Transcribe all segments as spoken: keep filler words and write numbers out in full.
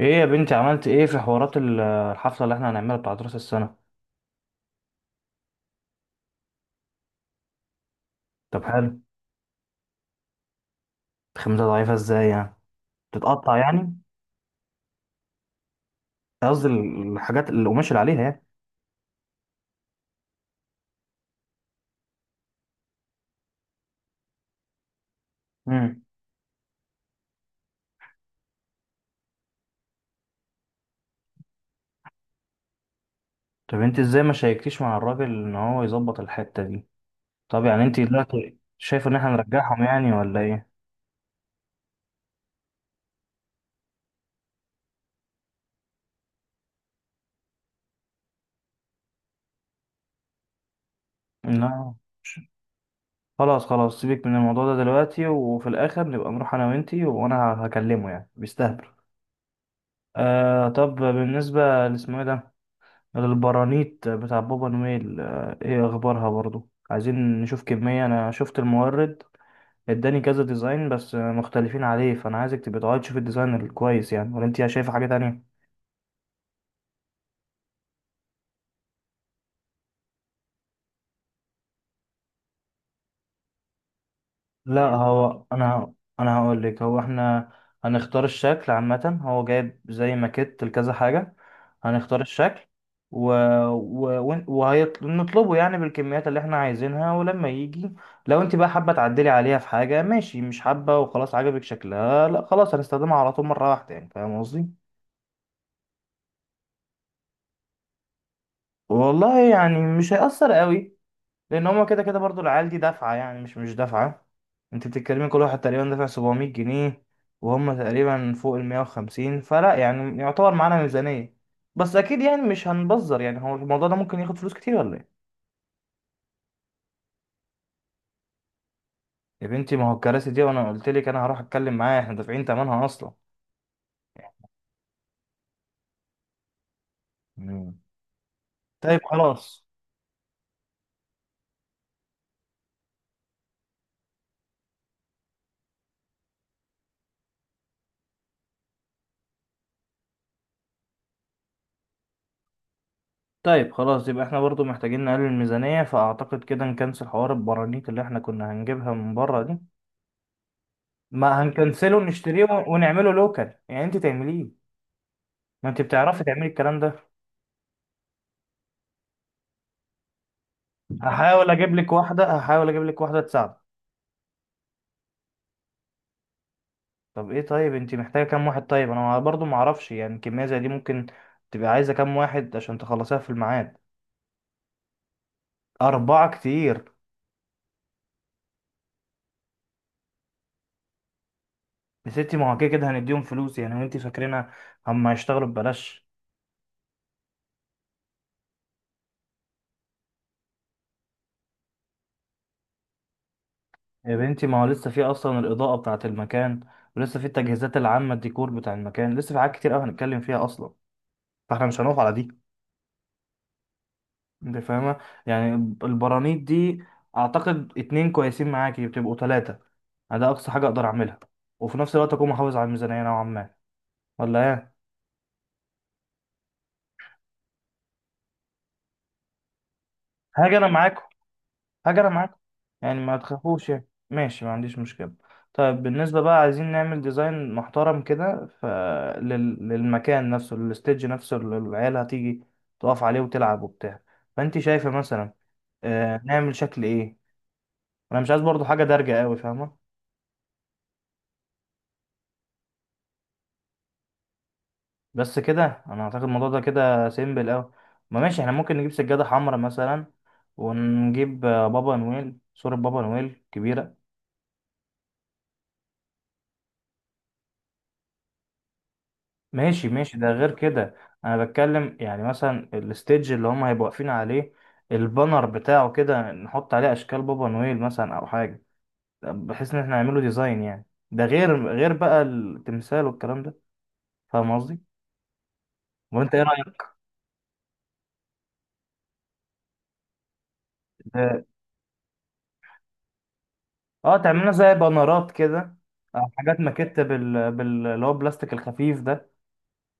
ايه يا بنتي؟ عملت ايه في حوارات ال- الحفلة اللي احنا هنعملها بتاعت راس السنة؟ طب حلو. خمسة ضعيفة ازاي يعني؟ تتقطع يعني؟ قصدي ال- الحاجات اللي القماش اللي عليها يعني. امم. طب انت ازاي ما شاركتيش مع الراجل ان هو يظبط الحتة دي؟ طب يعني انت دلوقتي شايف ان احنا نرجعهم يعني ولا ايه؟ لا، خلاص خلاص، سيبك من الموضوع ده دلوقتي، وفي الاخر نبقى نروح انا وانتي، وانا هكلمه، يعني بيستهبل. آه، طب بالنسبة لاسمه ايه ده، البرانيت بتاع بابا نويل، آه، ايه اخبارها برضو؟ عايزين نشوف كمية، انا شفت المورد اداني كذا ديزاين، بس آه، مختلفين عليه، فانا عايزك تبقى تقعد تشوف الديزاين الكويس، يعني ولا انت شايفة حاجة تانية؟ لا، هو انا انا هقول لك، هو احنا هنختار الشكل عامة، هو جايب زي ماكيت لكذا حاجة، هنختار الشكل و... و... وهنطلبه يعني بالكميات اللي احنا عايزينها. ولما يجي، لو انت بقى حابة تعدلي عليها في حاجة، ماشي، مش حابة وخلاص عجبك شكلها، لا خلاص، هنستخدمها على طول مرة واحدة، يعني فاهم قصدي؟ والله يعني مش هيأثر قوي، لان هما كده كده برضو العيال دي دافعه، يعني مش مش دافعه. انت بتتكلمي، كل واحد تقريبا دافع سبعمية جنيه، وهم تقريبا فوق ال مية وخمسين، فلا يعني يعتبر معانا ميزانيه. بس اكيد يعني مش هنبذر، يعني هو الموضوع ده ممكن ياخد فلوس كتير ولا ايه؟ يا بنتي، ما هو الكراسي دي، وانا قلت لك انا هروح اتكلم معاه، احنا دافعين ثمنها اصلا. مم. طيب خلاص. طيب خلاص، يبقى احنا برضو محتاجين نقلل الميزانية، فأعتقد كده نكنسل حوار البرانيت اللي احنا كنا هنجيبها من بره دي. ما هنكنسله، نشتريه ونعمله لوكال، يعني انت تعمليه. ما انت بتعرفي تعملي الكلام ده. هحاول اجيب لك واحده، هحاول اجيب لك واحده تساعدك. طب ايه، طيب انت محتاجه كام واحد؟ طيب انا برضو ما اعرفش يعني، كميه زي دي ممكن تبقى عايزه كام واحد عشان تخلصيها في الميعاد؟ اربعه كتير. يا ستي، ما هو كده كده هنديهم فلوس، يعني وانت فاكرينها هم هيشتغلوا ببلاش؟ يا بنتي، ما هو لسه في اصلا الاضاءه بتاعه المكان، ولسه في التجهيزات العامه، الديكور بتاع المكان، لسه في حاجات كتير قوي هنتكلم فيها اصلا، فاحنا مش هنقف على دي. انت فاهمة؟ يعني البرانيت دي، اعتقد اتنين كويسين، معاكي بتبقوا تلاتة، يعني ده اقصى حاجة اقدر اعملها، وفي نفس الوقت اكون محافظ على الميزانية نوعا ما، ولا ايه؟ حاجة انا معاكم، حاجة انا معاكم، يعني ما تخافوش، يعني ماشي، ما عنديش مشكلة. طيب بالنسبة بقى، عايزين نعمل ديزاين محترم كده ف... لل... للمكان نفسه، للستيج نفسه اللي العيال هتيجي تقف عليه وتلعب وبتاع. فانت شايفة مثلا آه... نعمل شكل ايه؟ انا مش عايز برضو حاجة دارجة قوي، فاهمة؟ بس كده انا اعتقد الموضوع ده كده سيمبل اوي. ما ماشي، احنا ممكن نجيب سجادة حمراء مثلا، ونجيب آه، بابا نويل، صورة بابا نويل كبيرة. ماشي ماشي، ده غير كده. انا بتكلم يعني مثلا الستيج اللي هم هيبقوا واقفين عليه، البانر بتاعه كده نحط عليه اشكال بابا نويل مثلا او حاجة، بحيث ان احنا نعمله ديزاين، يعني ده غير غير بقى التمثال والكلام ده. فاهم قصدي؟ وانت ايه رأيك؟ اه، تعملنا زي بانرات كده، آه، حاجات ماكيت، بال... بال... اللي هو البلاستيك الخفيف ده،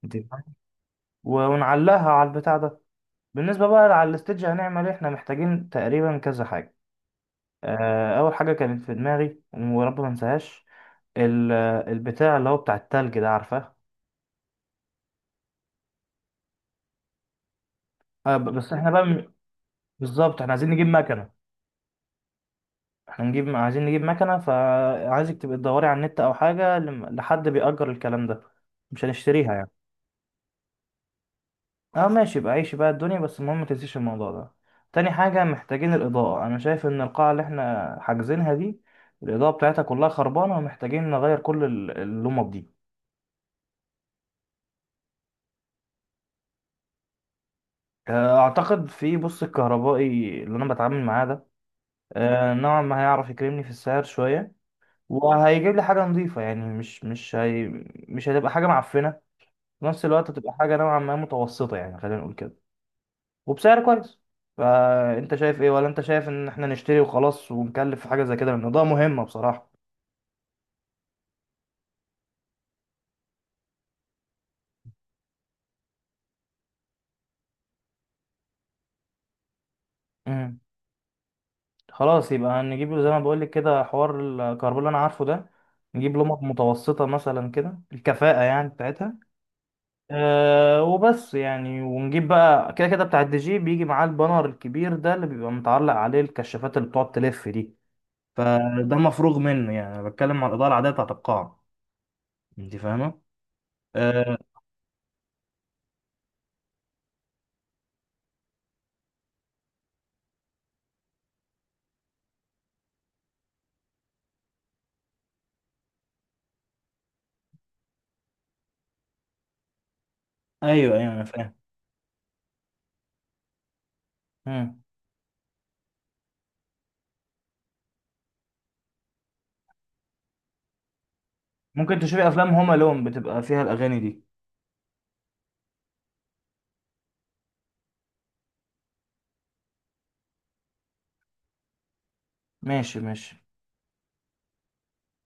انت فاهم؟ و- ونعلقها على البتاع ده. بالنسبة بقى على الستيدج هنعمل ايه؟ احنا محتاجين تقريبا كذا حاجة. آه، اول حاجة كانت في دماغي، ورب ما انساهاش، ال... البتاع اللي هو بتاع التلج ده، عارفاه؟ آه، ب- بس احنا بقى م- بالظبط احنا عايزين نجيب مكنة. احنا نجيب عايزين نجيب مكنة، فعايزك تبقى تدوري على النت او حاجة، لم- لحد بيأجر الكلام ده، مش هنشتريها يعني. اه ماشي، بقى عيش بقى الدنيا، بس المهم ما تنسيش الموضوع ده. تاني حاجة، محتاجين الإضاءة. أنا شايف إن القاعة اللي إحنا حاجزينها دي الإضاءة بتاعتها كلها خربانة، ومحتاجين نغير كل ال- اللمب دي. آه، أعتقد في بص الكهربائي اللي أنا بتعامل معاه ده آه، نوعا ما هيعرف يكرمني في السعر شوية، وهيجيب لي حاجة نظيفة، يعني مش مش هي، مش هتبقى حاجة معفنة، في نفس الوقت هتبقى حاجة نوعا ما متوسطة، يعني خلينا نقول كده، وبسعر كويس. فانت شايف ايه، ولا انت شايف ان احنا نشتري وخلاص ونكلف في حاجه زي كده، لان ده مهمه بصراحه. امم. خلاص يبقى هنجيب له زي ما بقول لك كده، حوار الكربون اللي انا عارفه ده، نجيب لمبة متوسطه مثلا كده الكفاءه يعني بتاعتها. أه، وبس يعني، ونجيب بقى كده كده بتاع الدي جي، بيجي معاه البانر الكبير ده اللي بيبقى متعلق عليه الكشافات اللي بتقعد تلف دي. فده مفروغ منه، يعني انا بتكلم على الاضاءه العاديه بتاعت القاعه. انت فاهمه؟ أه. ايوه ايوه، انا فاهم. مم. ممكن تشوفي افلام هوم الون، بتبقى فيها الاغاني دي. ماشي ماشي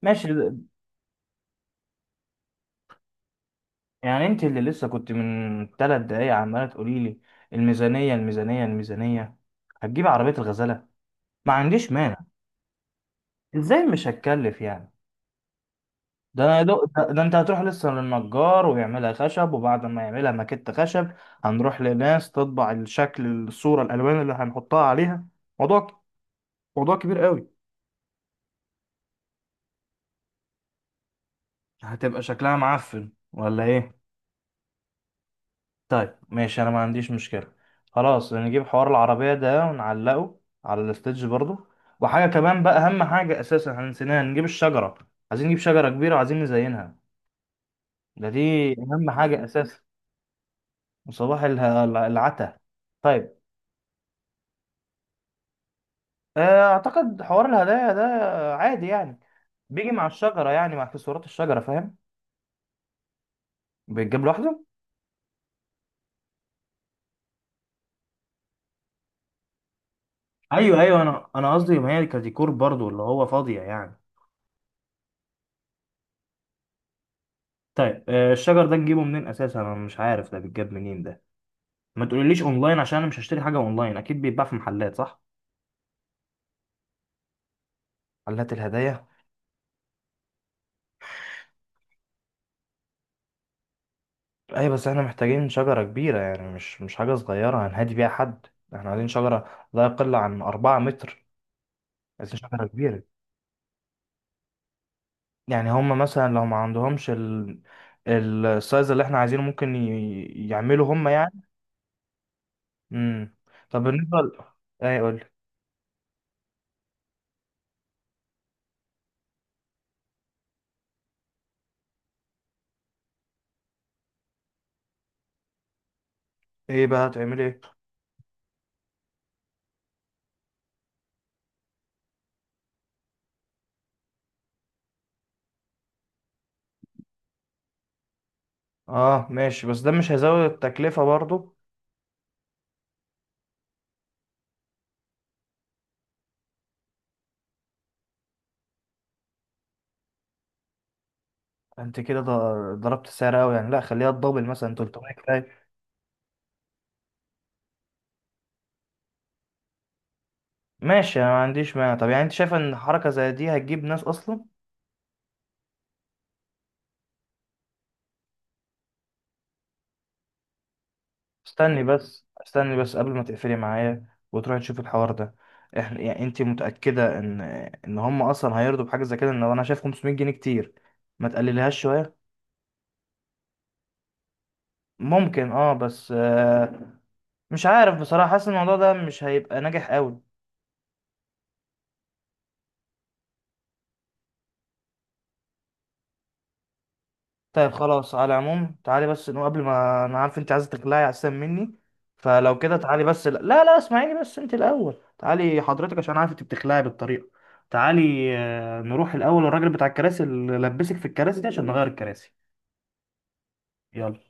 ماشي ال- يعني انت اللي لسه كنت من ثلاث دقايق عماله تقولي لي الميزانيه الميزانيه الميزانيه، هتجيب عربيه الغزاله؟ ما عنديش مانع. ازاي مش هتكلف يعني؟ ده انا يا دوب- ده, ده انت هتروح لسه للنجار ويعملها خشب، وبعد ما يعملها ماكيت خشب هنروح لناس تطبع الشكل، الصوره، الالوان اللي هنحطها عليها. موضوع، موضوع كبير قوي. هتبقى شكلها معفن ولا ايه؟ طيب ماشي، انا ما عنديش مشكلة. خلاص نجيب حوار العربية ده ونعلقه على الاستيدج برضو. وحاجة كمان بقى، اهم حاجة اساسا احنا نسيناها، نجيب الشجرة. عايزين نجيب شجرة كبيرة، وعايزين نزينها، ده دي اهم حاجة اساسا. وصباح اله- العتا. طيب، آه، اعتقد حوار الهدايا ده عادي يعني، بيجي مع الشجرة، يعني مع اكسسوارات الشجرة، فاهم؟ بيتجاب لوحده. ايوه ايوه، انا انا قصدي ما هي كديكور برضو اللي هو فاضية يعني. طيب، آه، الشجر ده نجيبه منين اساسا؟ انا مش عارف ده بيتجاب منين ده. ما تقوليليش اونلاين، عشان انا مش هشتري حاجه اونلاين. اكيد بيتباع في محلات، صح؟ محلات الهدايا. ايوه، بس احنا محتاجين شجرة كبيرة، يعني مش مش حاجة صغيرة هنهدي بيها حد، احنا عايزين شجرة لا يقل عن أربعة متر. عايزين شجرة كبيرة. يعني هما مثلا لو ما عندهمش ال السايز اللي احنا عايزينه، ممكن ي... يعملوا هما يعني. امم. طب بالنسبة ل... ايه، قول. ايه بقى هتعملي ايه؟ اه ماشي، بس ده مش هيزود التكلفة برضو؟ انت كده ض- ضربت السعر قوي يعني، لا خليها تدبل، مثلا تلتمية كفاية. ماشي، انا ما عنديش مانع. طب يعني انت شايفه ان حركه زي دي هتجيب ناس اصلا؟ استني بس، استني بس، قبل ما تقفلي معايا وتروحي تشوفي الحوار ده، احنا يعني انت متاكده ان ان هم اصلا هيرضوا بحاجه زي كده؟ ان انا شايف خمسمية جنيه كتير. ما تقللهاش شويه؟ ممكن اه، بس آه مش عارف بصراحه، حاسس إن الموضوع ده مش هيبقى ناجح قوي. طيب خلاص، على العموم تعالي بس انه، قبل ما، انا عارف انت عايزه تقلعي احسن مني، فلو كده تعالي بس. لا لا لا، اسمعيني بس انت الاول، تعالي حضرتك، عشان عارف انت بتخلعي بالطريقه. تعالي، آه، نروح الاول الراجل بتاع الكراسي اللي لبسك في الكراسي دي، عشان نغير الكراسي. يلا.